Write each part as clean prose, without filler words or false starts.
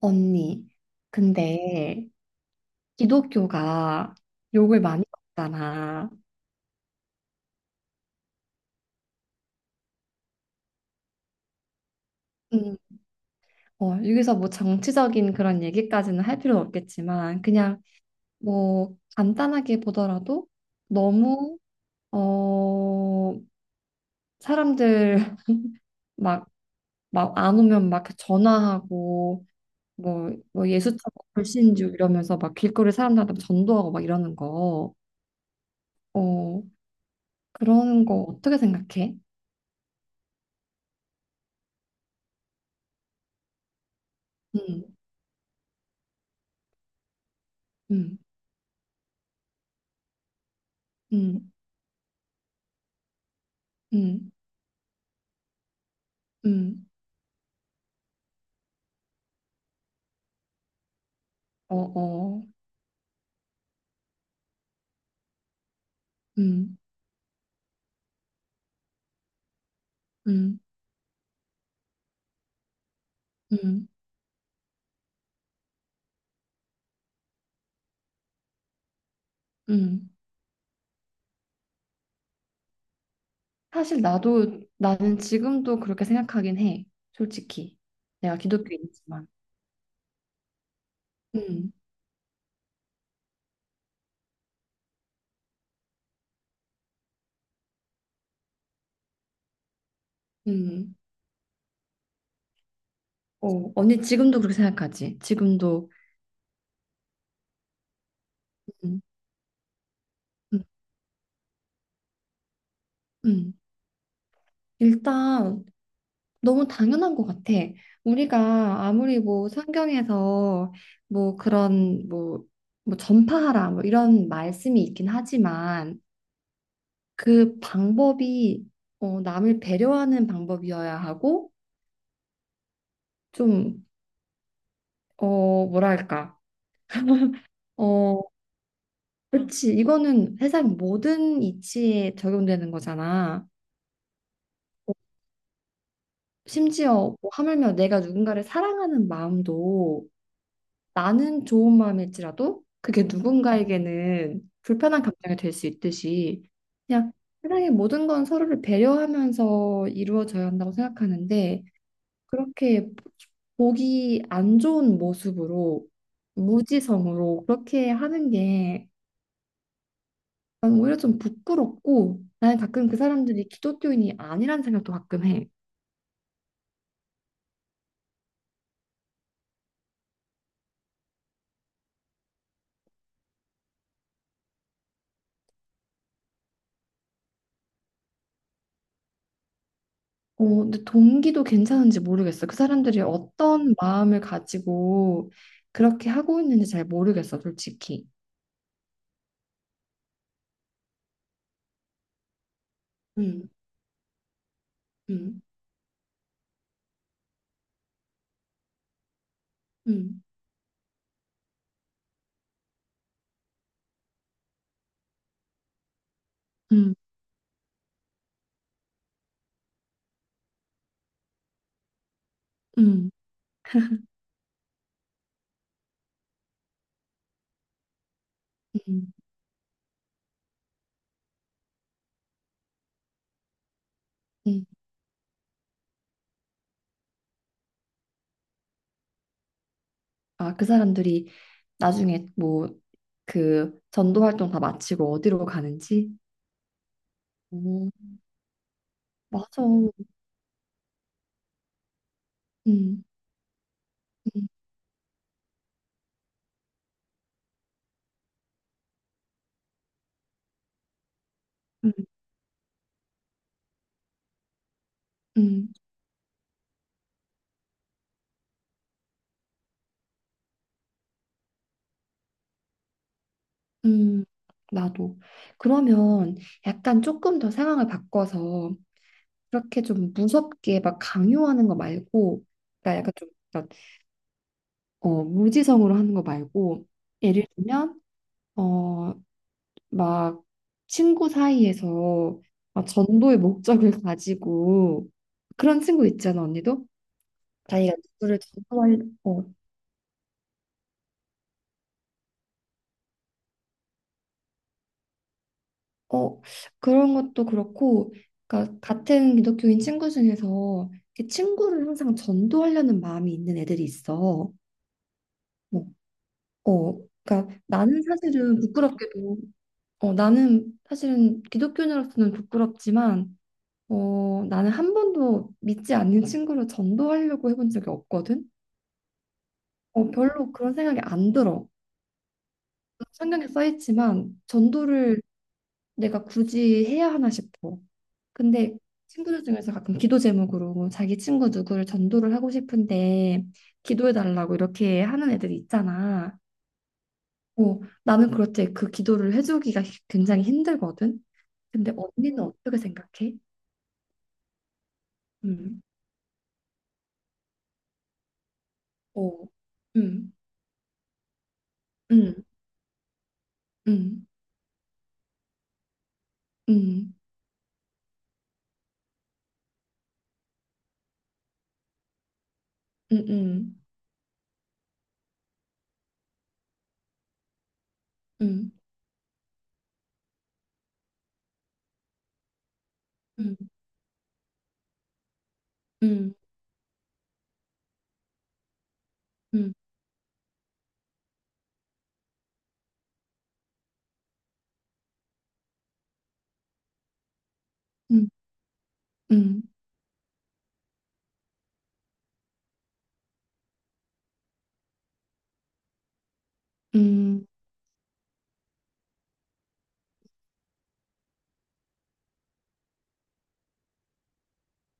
언니, 근데 기독교가 욕을 많이 먹잖아. 음, 어, 여기서 뭐 정치적인 그런 얘기까지는 할 필요 없겠지만, 그냥 뭐 간단하게 보더라도 너무, 어, 사람들 막, 막 안 오면 막 전화하고, 뭐 예수처럼 불신주 이러면서 막 길거리 사람들한테 전도하고 막 이러는 거, 어, 그런 거 어떻게 생각해? 음, 음, 음, 음. 음, 어, 어, 음, 음, 음, 음. 사실 나는 지금도 그렇게 생각하긴 해. 솔직히. 내가 기독교인이지만. 음, 음. 어, 언니 지금도 그렇게 생각하지? 지금도. 음, 음, 음. 일단, 너무 당연한 것 같아. 우리가 아무리 뭐 성경에서 뭐 그런 뭐, 전파하라 뭐 이런 말씀이 있긴 하지만 그 방법이 어, 남을 배려하는 방법이어야 하고 좀 어, 뭐랄까 어 그렇지, 이거는 세상 모든 이치에 적용되는 거잖아. 심지어 뭐 하물며 내가 누군가를 사랑하는 마음도 나는 좋은 마음일지라도 그게 누군가에게는 불편한 감정이 될 수 있듯이 그냥 세상의 모든 건 서로를 배려하면서 이루어져야 한다고 생각하는데 그렇게 보기 안 좋은 모습으로 무지성으로 그렇게 하는 게 난 오히려 좀 부끄럽고 나는 가끔 그 사람들이 기독교인이 아니란 생각도 가끔 해. 어, 근데 동기도 괜찮은지 모르겠어. 그 사람들이 어떤 마음을 가지고 그렇게 하고 있는지 잘 모르겠어, 솔직히. 음, 음, 음, 음, 음, 음, 음. 아, 그 사람들이 나중에 뭐 그 전도 활동 다 마치고 어디로 가는지? 맞아. 음, 음, 음, 음. 나도. 그러면 약간 조금 더 상황을 바꿔서 그렇게 좀 무섭게 막 강요하는 거 말고, 그러니까 약간 좀 약간, 어, 무지성으로 하는 거 말고, 예를 들면 어, 막 친구 사이에서 막 전도의 목적을 가지고 그런 친구 있잖아, 언니도. 자기가 누구를 전도할, 어, 어, 그런 것도 그렇고, 그러니까 같은 기독교인 친구 중에서 이렇게 친구를 항상 전도하려는 마음이 있는 애들이 있어. 뭐, 어, 그러니까 나는 사실은 부끄럽게도, 어, 나는 사실은 기독교인으로서는 부끄럽지만, 어, 나는 한 번도 믿지 않는 친구를 전도하려고 해본 적이 없거든. 어, 별로 그런 생각이 안 들어. 성경에 써 있지만 전도를 내가 굳이 해야 하나 싶어. 근데 친구들 중에서 가끔 기도 제목으로 뭐 자기 친구 누구를 전도를 하고 싶은데 기도해달라고 이렇게 하는 애들이 있잖아. 어, 나는 그럴 때 그 기도를 해주기가 굉장히 힘들거든. 근데 언니는 어떻게 생각해? 음, 어, 음, 음, 음, 음, 음, 음, 음, 음, 음, 음, 음, 음, 음.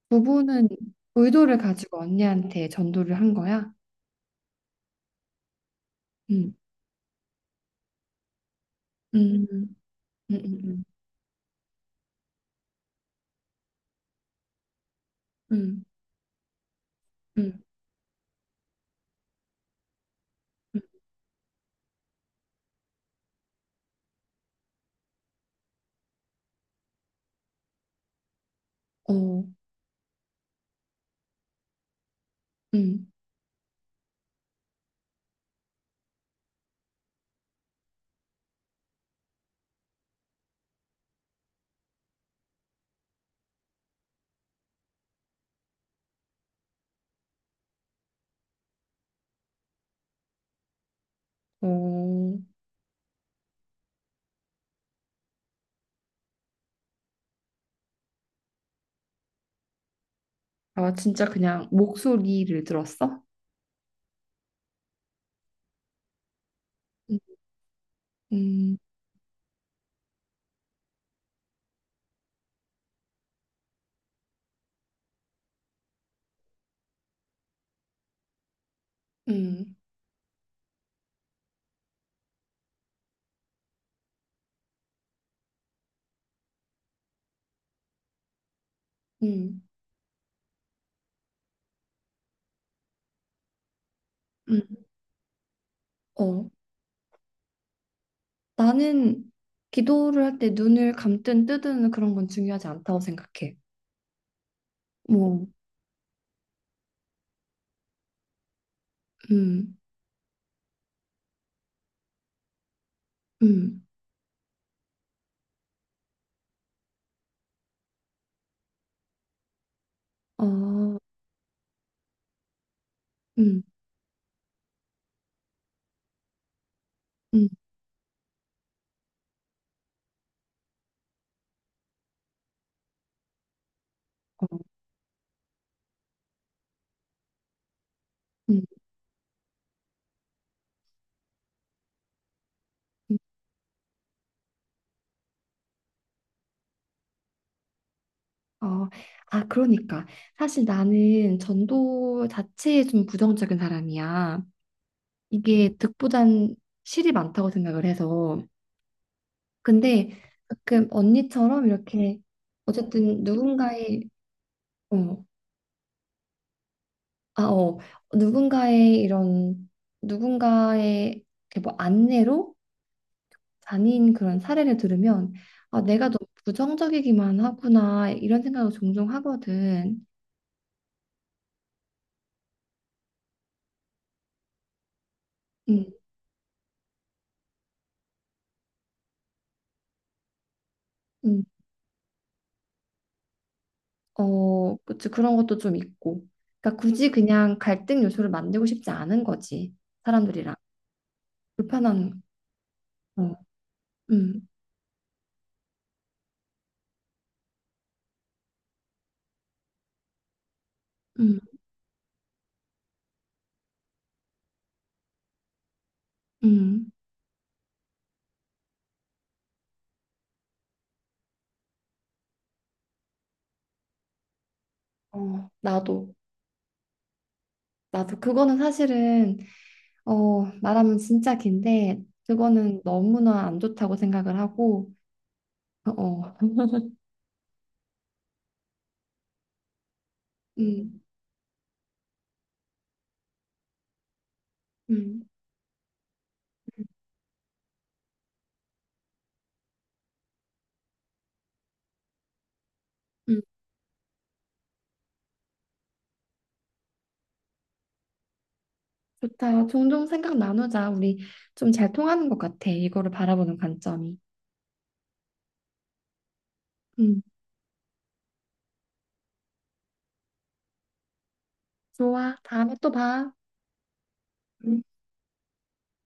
부부는 의도를 가지고 언니한테 전도를 한 거야? 음, 음, 음, 음, 음. 음. 음. 어, 음, 어, 아, 진짜 그냥 목소리를 들었어? 음, 음, 음, 음, 음. 어, 나는 기도를 할 때 눈을 감든 뜨든 그런 건 중요하지 않다고 생각해. 뭐, 음, 음, 어, 음, 음, 어, 음, 음, 어, 아, 그러니까. 사실 나는 전도 자체에 좀 부정적인 사람이야. 이게 득보단 실이 많다고 생각을 해서. 근데 가끔 언니처럼 이렇게 어쨌든 누군가의 어, 아, 어, 누군가의 이런 누군가의 이렇게 뭐 안내로 다닌 그런 사례를 들으면 아, 내가 너무 부정적이기만 하구나 이런 생각을 종종 하거든. 음, 음, 어, 그치, 그런 것도 좀 있고. 그러니까 굳이 그냥 갈등 요소를 만들고 싶지 않은 거지. 사람들이랑 불편한. 어, 음, 음, 음. 어, 나도. 나도 그거는 사실은 어 말하면 진짜 긴데 그거는 너무나 안 좋다고 생각을 하고 어 음, 음, 음, 음, 좋다. 종종 생각 나누자. 우리 좀 잘 통하는 것 같아. 이거를 바라보는 관점이. 음, 좋아. 다음에 또 봐. 음.